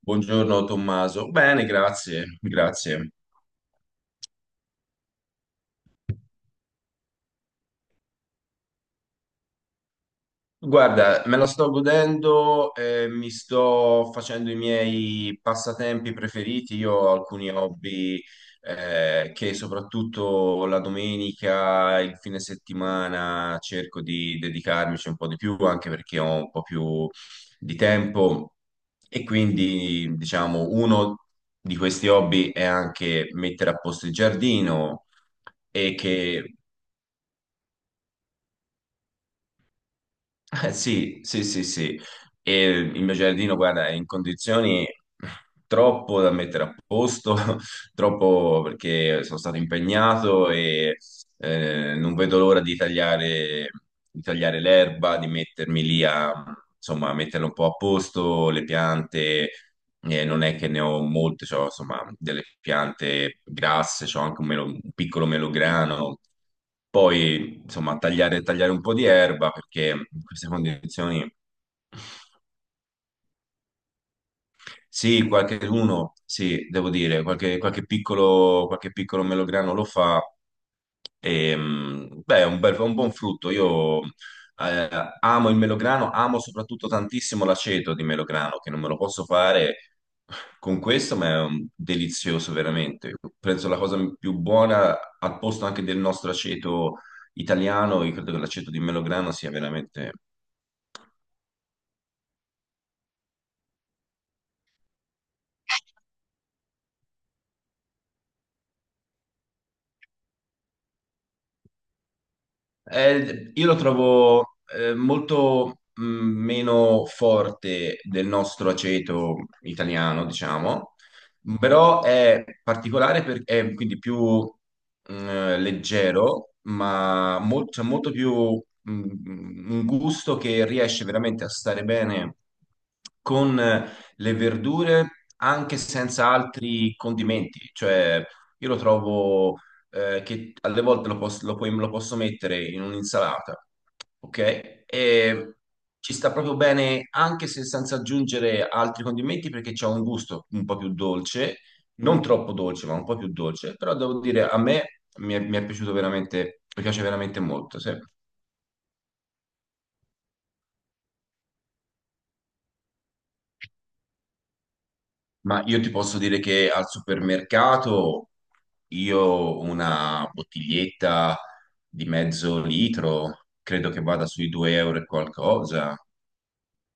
Buongiorno Tommaso. Bene, grazie, grazie. Guarda, me la sto godendo, mi sto facendo i miei passatempi preferiti. Io ho alcuni hobby, che soprattutto la domenica, il fine settimana cerco di dedicarmici un po' di più, anche perché ho un po' più di tempo. E quindi, diciamo, uno di questi hobby è anche mettere a posto il giardino e che eh, sì, sì, sì, sì. E il mio giardino, guarda, è in condizioni troppo da mettere a posto, troppo, perché sono stato impegnato e non vedo l'ora di tagliare l'erba, di mettermi lì a, insomma, a metterla un po' a posto, le piante, non è che ne ho molte, c'ho, insomma, delle piante grasse, c'ho anche un, un piccolo melograno. Poi, insomma, tagliare, tagliare un po' di erba perché in queste condizioni sì, qualcheduno, sì, devo dire, qualche, qualche piccolo melograno lo fa. E, beh, è un è un buon frutto. Io amo il melograno, amo soprattutto tantissimo l'aceto di melograno, che non me lo posso fare con questo, ma è un- delizioso veramente. Penso la cosa più buona, al posto anche del nostro aceto italiano, io credo che l'aceto di melograno sia veramente... io lo trovo molto meno forte del nostro aceto italiano, diciamo, però è particolare perché è quindi più leggero, ma c'è molto più un gusto che riesce veramente a stare bene con le verdure anche senza altri condimenti, cioè io lo trovo che alle volte lo, lo posso mettere in un'insalata, ok? E ci sta proprio bene anche se senza aggiungere altri condimenti perché c'ha un gusto un po' più dolce, non Mm. troppo dolce, ma un po' più dolce, però devo dire a me mi è piaciuto veramente, mi piace veramente molto, sì. Ma io ti posso dire che al supermercato io una bottiglietta di mezzo litro credo che vada sui 2 euro e qualcosa.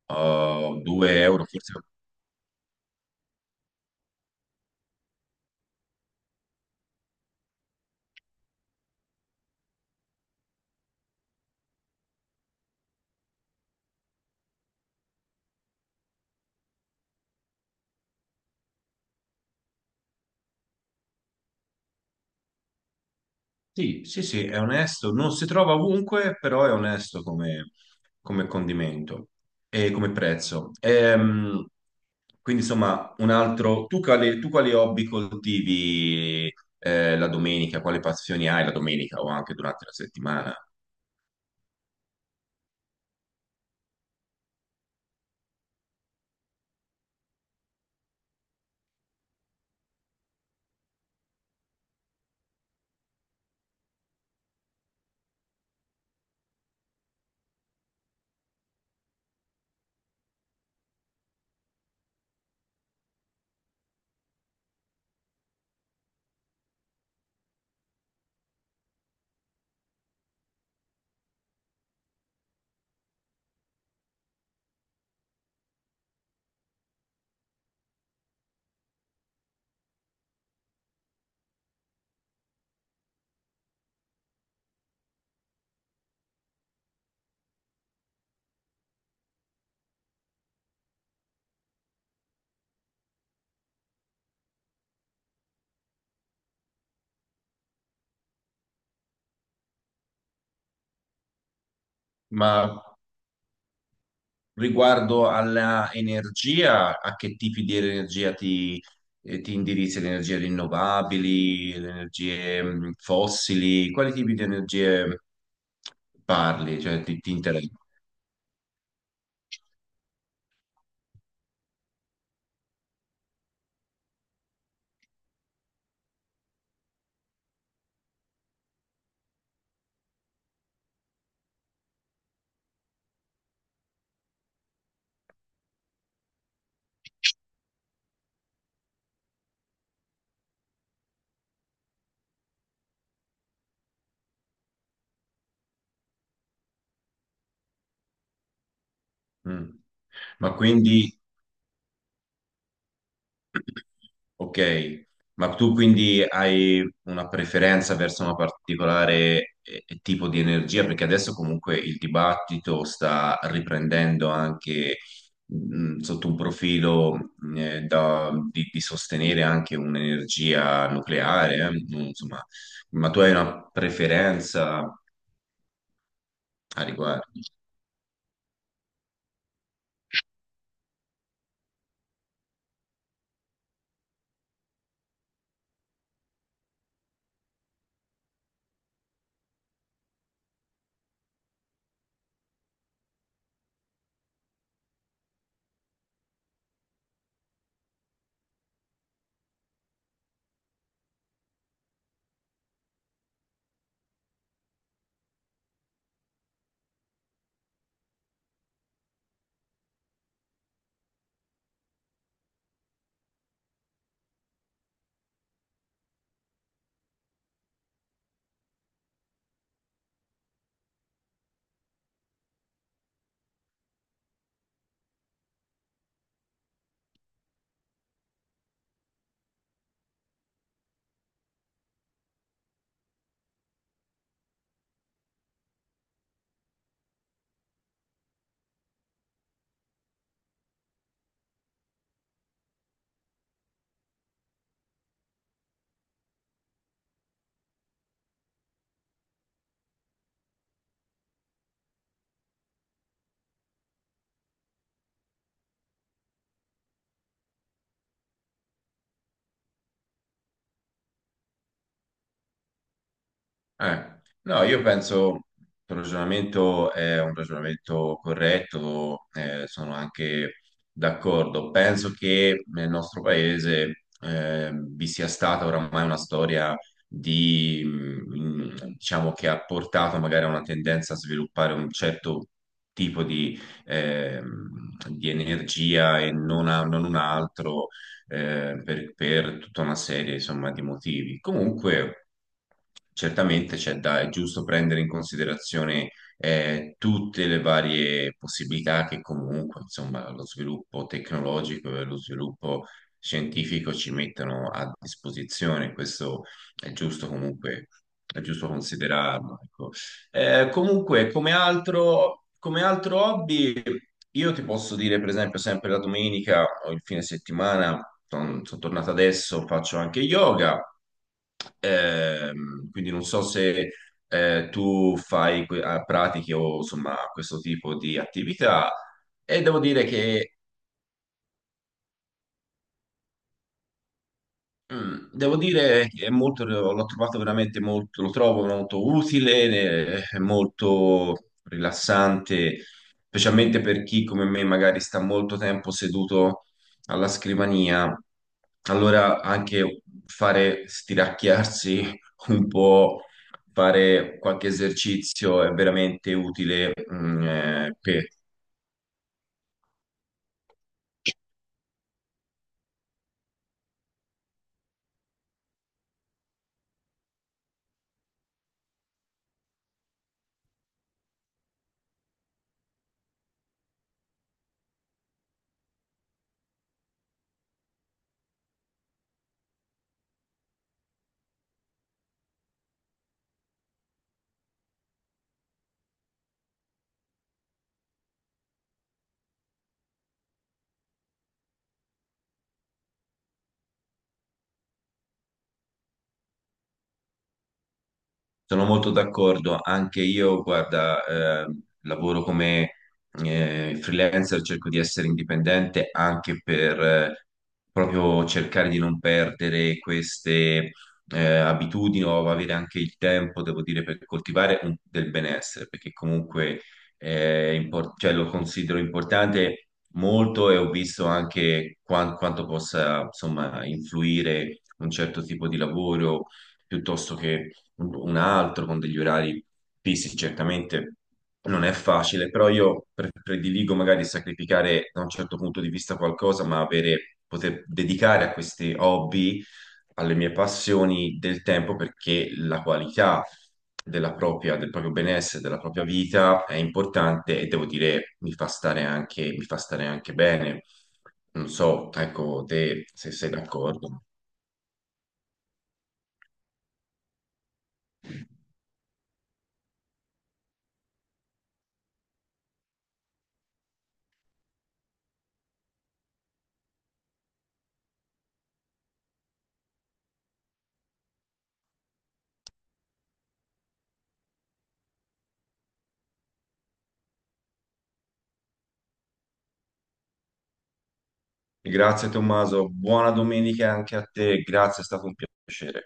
2 euro, forse. Sì, sì, sì, è onesto. Non si trova ovunque, però è onesto come, come condimento e come prezzo. Quindi, insomma, un altro. Tu quali hobby coltivi la domenica? Quali passioni hai la domenica o anche durante la settimana? Ma riguardo alla energia, a che tipi di energia ti indirizzi? Le energie rinnovabili, le energie fossili? Quali tipi di energie parli? Cioè, ti interessa? Mm. Ma quindi ok, ma tu quindi hai una preferenza verso una particolare tipo di energia? Perché adesso comunque il dibattito sta riprendendo anche sotto un profilo mm, di sostenere anche un'energia nucleare, insomma, ma tu hai una preferenza a riguardo? No, io penso che il ragionamento è un ragionamento corretto, sono anche d'accordo. Penso che nel nostro paese vi sia stata oramai una storia di, mm, diciamo, che ha portato magari a una tendenza a sviluppare un certo tipo di energia e non, non un altro per tutta una serie, insomma, di motivi. Comunque, certamente c'è da, è giusto prendere in considerazione tutte le varie possibilità che comunque, insomma, lo sviluppo tecnologico e lo sviluppo scientifico ci mettono a disposizione. Questo è giusto comunque, è giusto considerarlo, ecco. Comunque, come altro hobby, io ti posso dire, per esempio, sempre la domenica o il fine settimana, sono tornato adesso, faccio anche yoga. Quindi non so se tu fai pratiche o insomma questo tipo di attività. E devo dire che mm, devo dire che è molto, l'ho trovato veramente molto, lo trovo molto utile, è molto rilassante, specialmente per chi come me magari sta molto tempo seduto alla scrivania. Allora anche fare stiracchiarsi un po', fare qualche esercizio è veramente utile, mm, per... Sono molto d'accordo, anche io, guarda, lavoro come freelancer, cerco di essere indipendente anche per proprio cercare di non perdere queste abitudini o avere anche il tempo, devo dire, per coltivare un- del benessere, perché comunque cioè, lo considero importante molto e ho visto anche quanto possa, insomma, influire un certo tipo di lavoro piuttosto che un altro con degli orari fissi, certamente non è facile, però io prediligo magari sacrificare da un certo punto di vista qualcosa, ma avere, poter dedicare a questi hobby, alle mie passioni del tempo, perché la qualità della propria, del proprio benessere, della propria vita è importante e devo dire mi fa stare anche, mi fa stare anche bene. Non so, ecco, te se sei d'accordo. Grazie Tommaso, buona domenica anche a te, grazie, è stato un piacere.